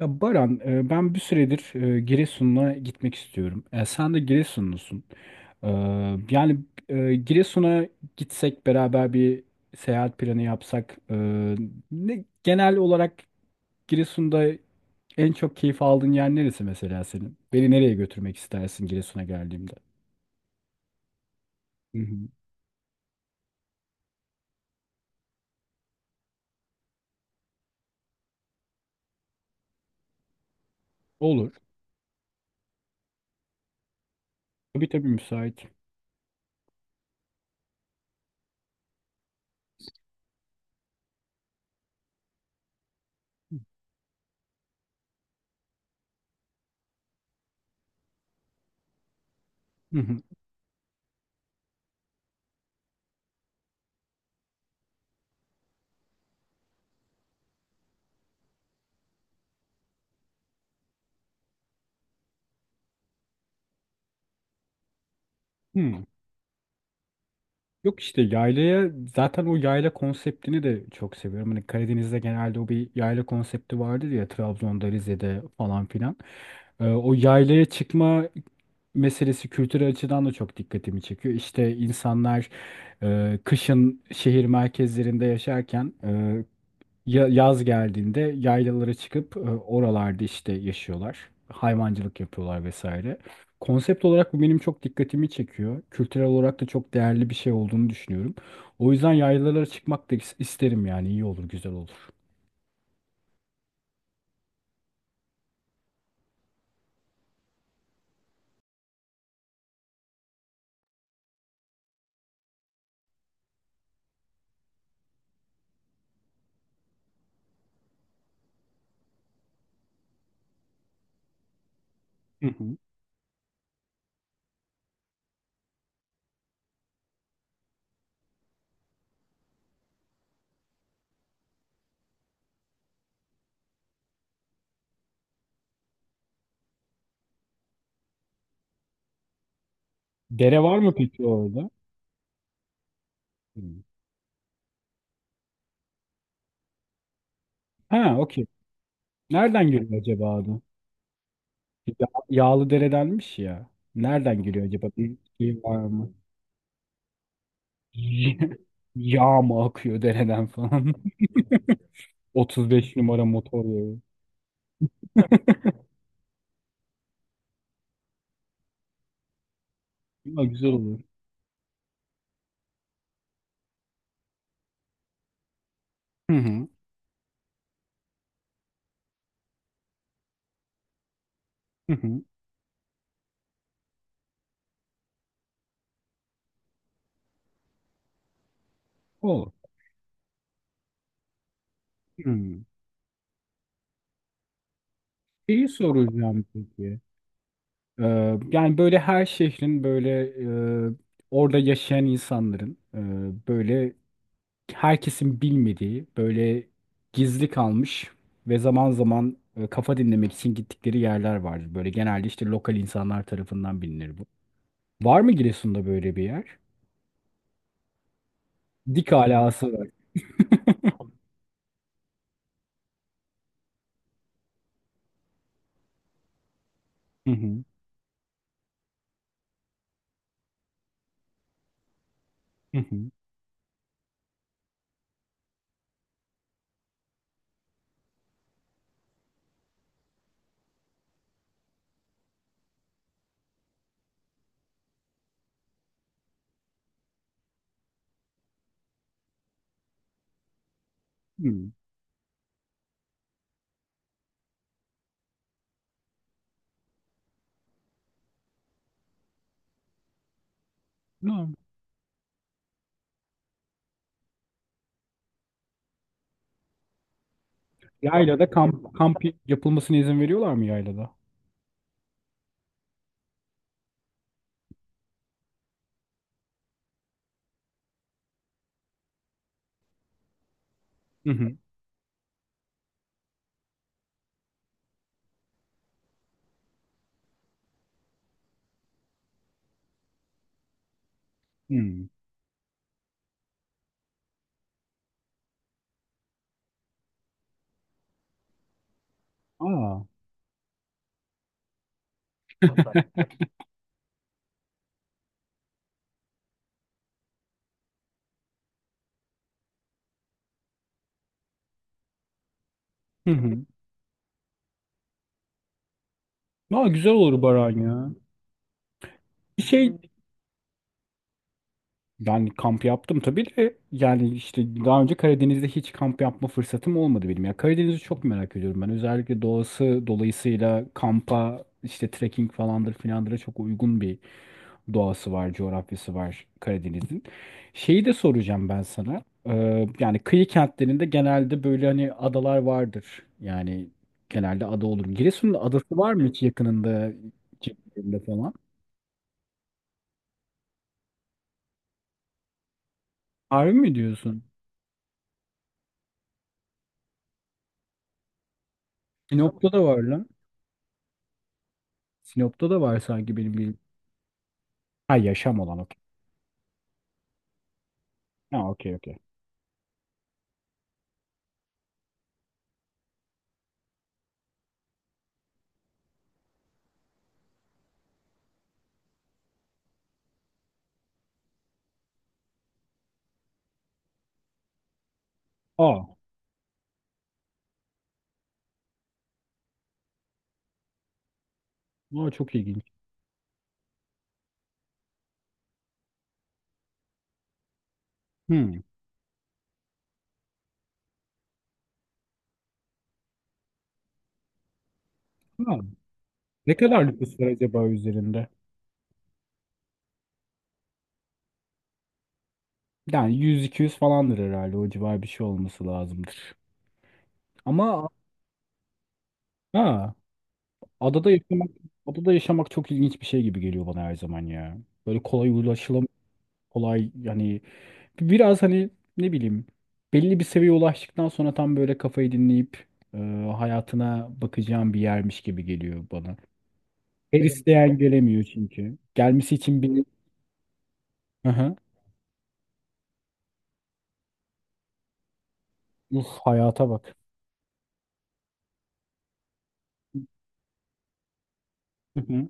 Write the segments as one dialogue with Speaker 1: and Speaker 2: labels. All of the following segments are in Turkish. Speaker 1: Ya Baran, ben bir süredir Giresun'a gitmek istiyorum. E, Sen de Giresunlusun. E, Yani Giresun'a gitsek beraber bir seyahat planı yapsak. Genel olarak Giresun'da en çok keyif aldığın yer neresi mesela senin? Beni nereye götürmek istersin Giresun'a geldiğimde? Hı hı. Olur. Tabii tabii müsait. Hı hı. Hı. Yok işte yaylaya zaten o yayla konseptini de çok seviyorum. Hani Karadeniz'de genelde o bir yayla konsepti vardır ya Trabzon'da, Rize'de falan filan. O yaylaya çıkma meselesi kültürel açıdan da çok dikkatimi çekiyor. İşte insanlar kışın şehir merkezlerinde yaşarken, yaz geldiğinde yaylalara çıkıp oralarda işte yaşıyorlar. Hayvancılık yapıyorlar vesaire. Konsept olarak bu benim çok dikkatimi çekiyor. Kültürel olarak da çok değerli bir şey olduğunu düşünüyorum. O yüzden yaylalara çıkmak da isterim, yani iyi olur, güzel olur. Hı hı. Dere var mı peki orada? Hı. Ha, okey. Nereden geliyor acaba adı? Yağlı deredenmiş ya. Nereden geliyor acaba? Bir şey var mı? Yağ mı akıyor dereden falan? 35 numara motor yağı. Ama güzel olur. Hı hı. Hı hı. Olur. Hı. Şeyi soracağım peki. Ee, Yani böyle her şehrin böyle e, orada yaşayan insanların, böyle herkesin bilmediği, böyle gizli kalmış ve zaman zaman kafa dinlemek için gittikleri yerler vardır. Böyle genelde işte lokal insanlar tarafından bilinir bu. Var mı Giresun'da böyle bir yer? Dik alası var. Hı hı. Hı hı. Hı. Yaylada kamp, kamp yapılmasına izin veriyorlar mı yaylada? Hı hı. Hmm. Aa. Hı hı. Aa, güzel olur Baran ya. Bir şey, yani kamp yaptım tabii de, yani işte daha önce Karadeniz'de hiç kamp yapma fırsatım olmadı benim. Ya Karadeniz'i çok merak ediyorum ben. Özellikle doğası dolayısıyla kampa, işte trekking falandır filandıra çok uygun bir doğası var, coğrafyası var Karadeniz'in. Şeyi de soracağım ben sana. Yani kıyı kentlerinde genelde böyle hani adalar vardır. Yani genelde ada olur. Giresun'un adası var mı hiç yakınında, çevresinde falan? Harbi mi diyorsun? Sinop'ta da var lan. Sinop'ta da var sanki benim bildiğim. Ha, yaşam olan, okey. Ha, okey okey. Aa, aa çok ilginç. Hmm. Ha, ne kadar nüfus var acaba üzerinde? Yani 100-200 falandır herhalde. O civar bir şey olması lazımdır. Ama ha, adada yaşamak, adada yaşamak çok ilginç bir şey gibi geliyor bana her zaman ya. Böyle kolay ulaşılam, kolay yani biraz hani ne bileyim, belli bir seviyeye ulaştıktan sonra tam böyle kafayı dinleyip e, hayatına bakacağım bir yermiş gibi geliyor bana. Her isteyen gelemiyor çünkü. Gelmesi için bir. Hı hı. Uf, hayata bak. Hı hı.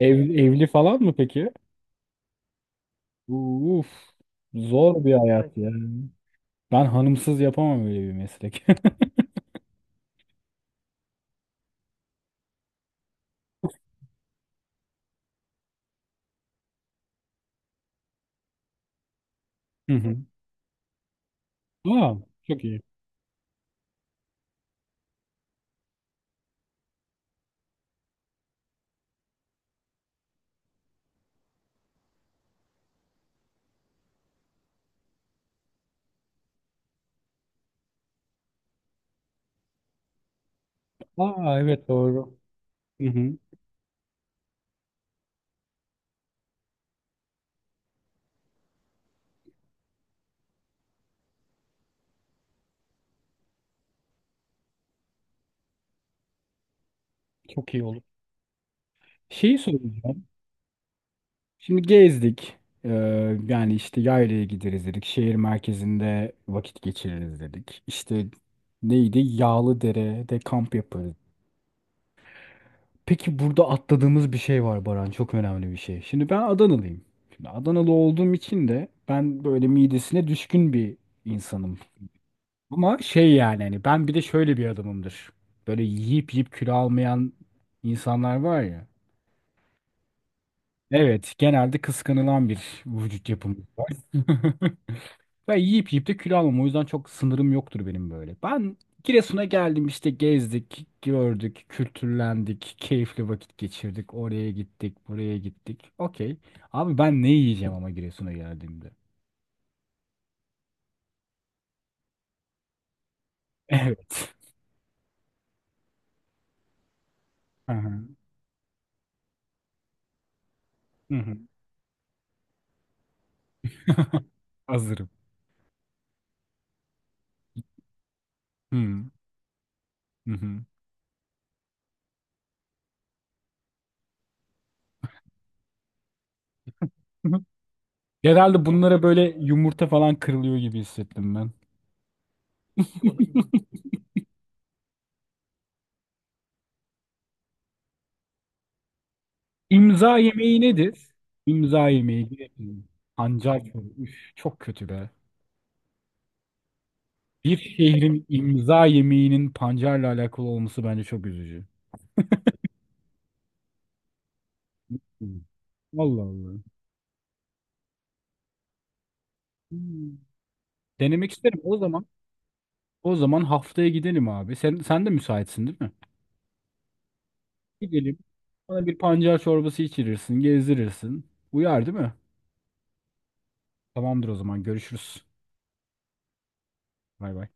Speaker 1: Ev, evli falan mı peki? Uf, zor bir hayat ya. Ben hanımsız yapamam öyle bir meslek. Hı hı. Aa, çok iyi. Aa evet doğru. Hı hı, çok iyi olur. Şeyi soracağım. Şimdi gezdik. Ee, Yani işte yaylaya gideriz dedik. Şehir merkezinde vakit geçiririz dedik. İşte neydi? Yağlıdere'de kamp yaparız. Peki burada atladığımız bir şey var Baran. Çok önemli bir şey. Şimdi ben Adanalıyım. Şimdi Adanalı olduğum için de ben böyle midesine düşkün bir insanım. Ama şey, yani hani ben bir de şöyle bir adamımdır. Böyle yiyip yiyip kilo almayan insanlar var ya. Evet, genelde kıskanılan bir vücut yapım. Ben yiyip yiyip de kilo almam. O yüzden çok sınırım yoktur benim böyle. Ben Giresun'a geldim, işte gezdik, gördük, kültürlendik, keyifli vakit geçirdik. Oraya gittik, buraya gittik. Okey. Abi ben ne yiyeceğim ama Giresun'a geldiğimde? Evet. Hı hı. Hı hı. Hazırım. Hı hı. Hı hı. Genelde bunlara böyle yumurta falan kırılıyor gibi hissettim ben. İmza yemeği nedir? İmza yemeği girelim. Pancar çorba. Üf, çok kötü be. Bir şehrin imza yemeğinin pancarla alakalı olması bence çok üzücü. Hmm. Allah Allah. Hmm. Denemek isterim. O zaman, o zaman haftaya gidelim abi. Sen de müsaitsin değil mi? Gidelim. Bana bir pancar çorbası içirirsin, gezdirirsin. Uyar değil mi? Tamamdır o zaman. Görüşürüz. Bay bay.